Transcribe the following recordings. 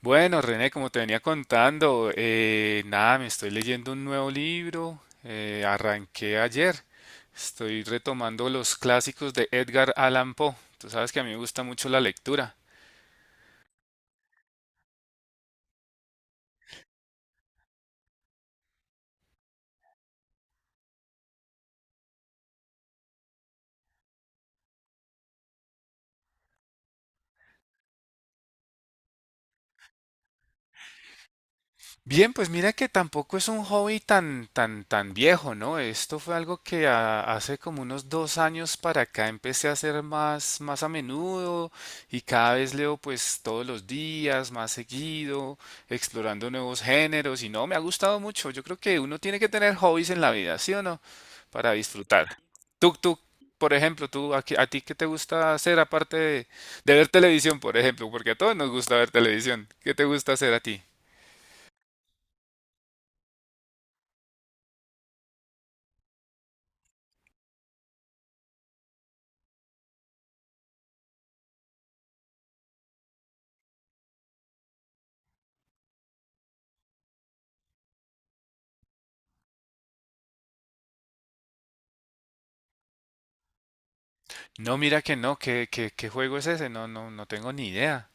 Bueno, René, como te venía contando, nada, me estoy leyendo un nuevo libro, arranqué ayer, estoy retomando los clásicos de Edgar Allan Poe, tú sabes que a mí me gusta mucho la lectura. Bien, pues mira que tampoco es un hobby tan viejo, ¿no? Esto fue algo que hace como unos dos años para acá empecé a hacer más a menudo y cada vez leo pues todos los días, más seguido, explorando nuevos géneros y no, me ha gustado mucho. Yo creo que uno tiene que tener hobbies en la vida, ¿sí o no? Para disfrutar. Tú, tú, por ejemplo, a ti qué te gusta hacer aparte de ver televisión, por ejemplo, porque a todos nos gusta ver televisión. ¿Qué te gusta hacer a ti? No, mira que no, qué juego es ese? No, no tengo ni idea.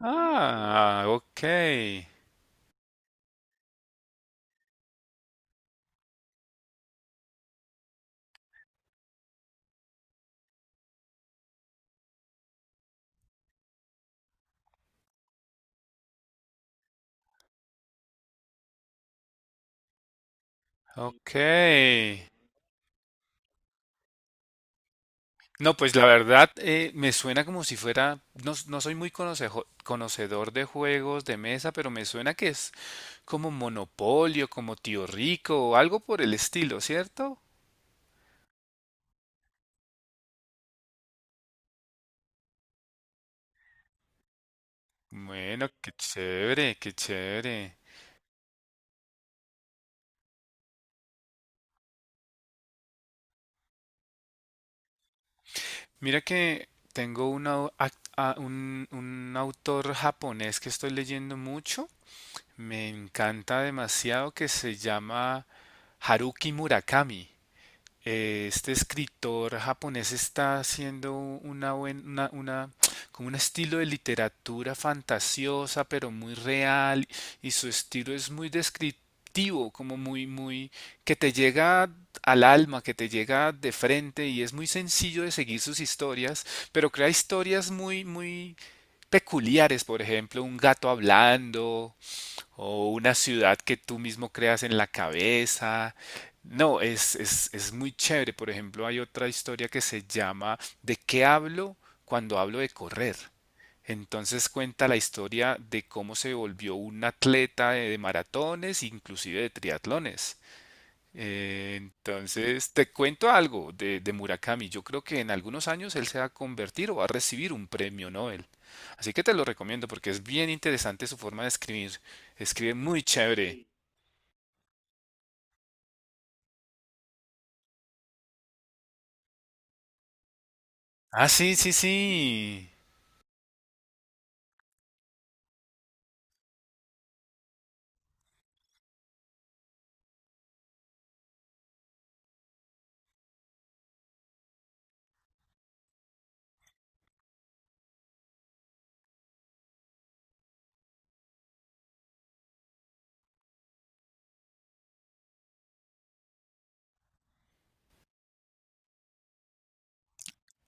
Ah, ok, ok. No, pues la verdad me suena como si fuera, no, no soy muy conocedor de juegos de mesa, pero me suena que es como Monopolio, como Tío Rico o algo por el estilo, ¿cierto? Bueno, qué chévere, qué chévere. Mira que tengo una au- ac- a- un autor japonés que estoy leyendo mucho. Me encanta demasiado, que se llama Haruki Murakami. Este escritor japonés está haciendo una como un estilo de literatura fantasiosa, pero muy real, y su estilo es muy descriptivo, como muy que te llega al alma, que te llega de frente, y es muy sencillo de seguir sus historias, pero crea historias muy peculiares, por ejemplo, un gato hablando, o una ciudad que tú mismo creas en la cabeza. No, es muy chévere. Por ejemplo, hay otra historia que se llama ¿De qué hablo cuando hablo de correr? Entonces cuenta la historia de cómo se volvió un atleta de maratones, inclusive de triatlones. Entonces, te cuento algo de Murakami. Yo creo que en algunos años él se va a convertir o va a recibir un premio Nobel. Así que te lo recomiendo porque es bien interesante su forma de escribir. Escribe muy chévere. Ah, sí, sí, sí.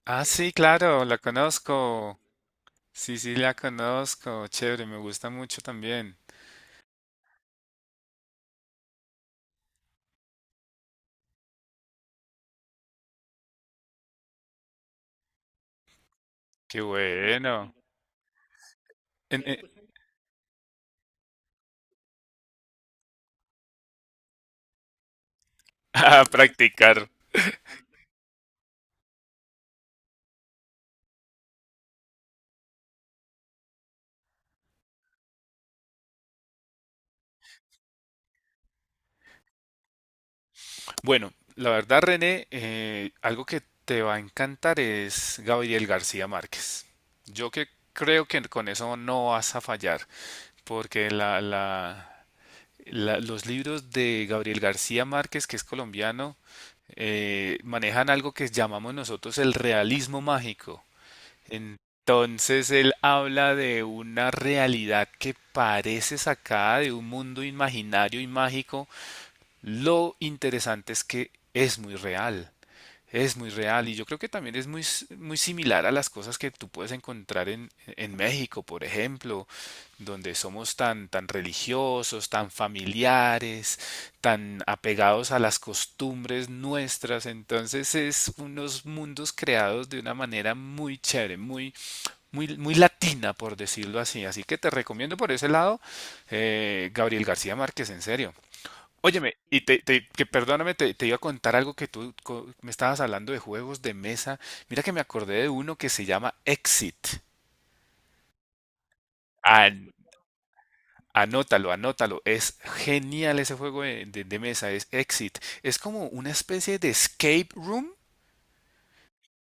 Ah, sí, claro, la conozco. Sí, sí, la conozco. Chévere, me gusta mucho también. Qué bueno. En- en- a practicar. Bueno, la verdad, René, algo que te va a encantar es Gabriel García Márquez. Yo que creo que con eso no vas a fallar, porque los libros de Gabriel García Márquez, que es colombiano, manejan algo que llamamos nosotros el realismo mágico. Entonces él habla de una realidad que parece sacada de un mundo imaginario y mágico. Lo interesante es que es muy real. Es muy real y yo creo que también es muy similar a las cosas que tú puedes encontrar en México, por ejemplo, donde somos tan religiosos, tan familiares, tan apegados a las costumbres nuestras. Entonces es unos mundos creados de una manera muy chévere, muy latina, por decirlo así. Así que te recomiendo por ese lado, Gabriel García Márquez, en serio. Óyeme, y que perdóname, te iba a contar algo que me estabas hablando de juegos de mesa. Mira que me acordé de uno que se llama Exit. An- anótalo, anótalo. Es genial ese juego de, de mesa, es Exit. Es como una especie de escape room,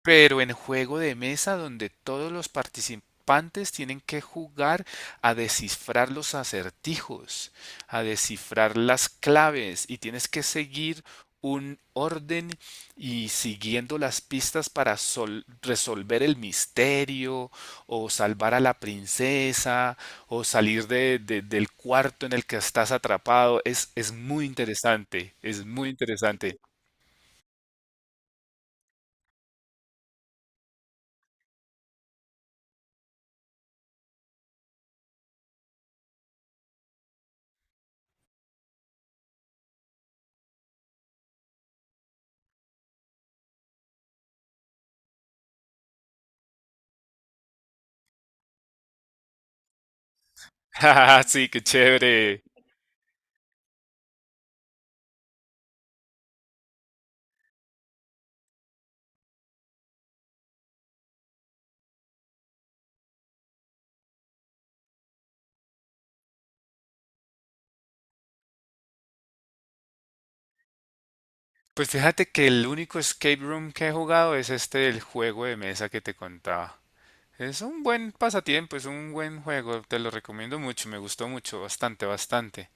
pero en juego de mesa donde todos los participantes tienen que jugar a descifrar los acertijos, a descifrar las claves y tienes que seguir un orden y siguiendo las pistas para resolver el misterio o salvar a la princesa o salir del cuarto en el que estás atrapado. Es muy interesante, es muy interesante. Sí, qué chévere. Pues fíjate que el único escape room que he jugado es este, el juego de mesa que te contaba. Es un buen pasatiempo, es un buen juego, te lo recomiendo mucho, me gustó mucho, bastante, bastante.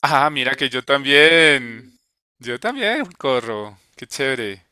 Ah, mira que yo también corro, qué chévere.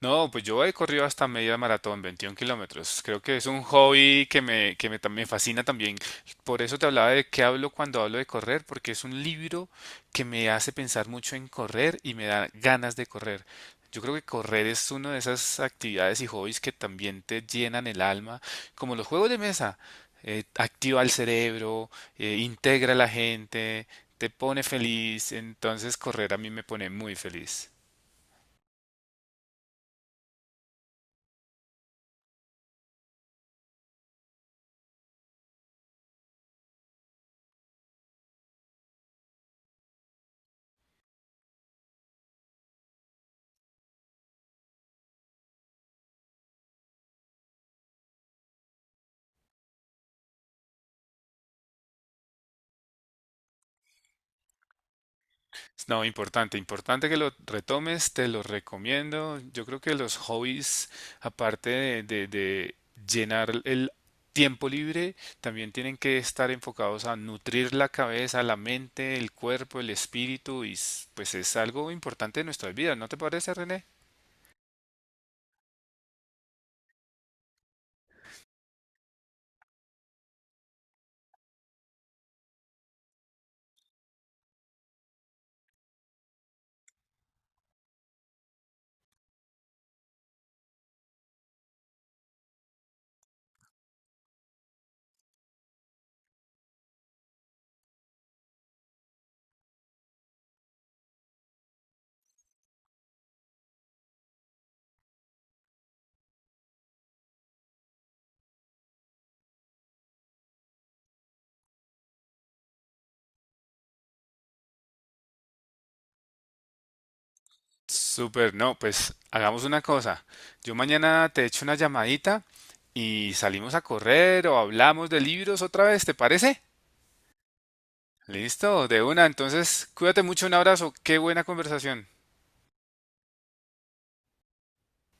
No, pues yo he corrido hasta media maratón, 21 kilómetros. Creo que es un hobby que me fascina también. Por eso te hablaba de qué hablo cuando hablo de correr, porque es un libro que me hace pensar mucho en correr y me da ganas de correr. Yo creo que correr es una de esas actividades y hobbies que también te llenan el alma, como los juegos de mesa. Activa el cerebro, integra a la gente, te pone feliz. Entonces correr a mí me pone muy feliz. No, importante, importante que lo retomes, te lo recomiendo. Yo creo que los hobbies, aparte de, de llenar el tiempo libre, también tienen que estar enfocados a nutrir la cabeza, la mente, el cuerpo, el espíritu, y pues es algo importante de nuestras vidas, ¿no te parece, René? Súper, no, pues hagamos una cosa. Yo mañana te echo una llamadita y salimos a correr o hablamos de libros otra vez, ¿te parece? Listo, de una. Entonces, cuídate mucho, un abrazo. Qué buena conversación.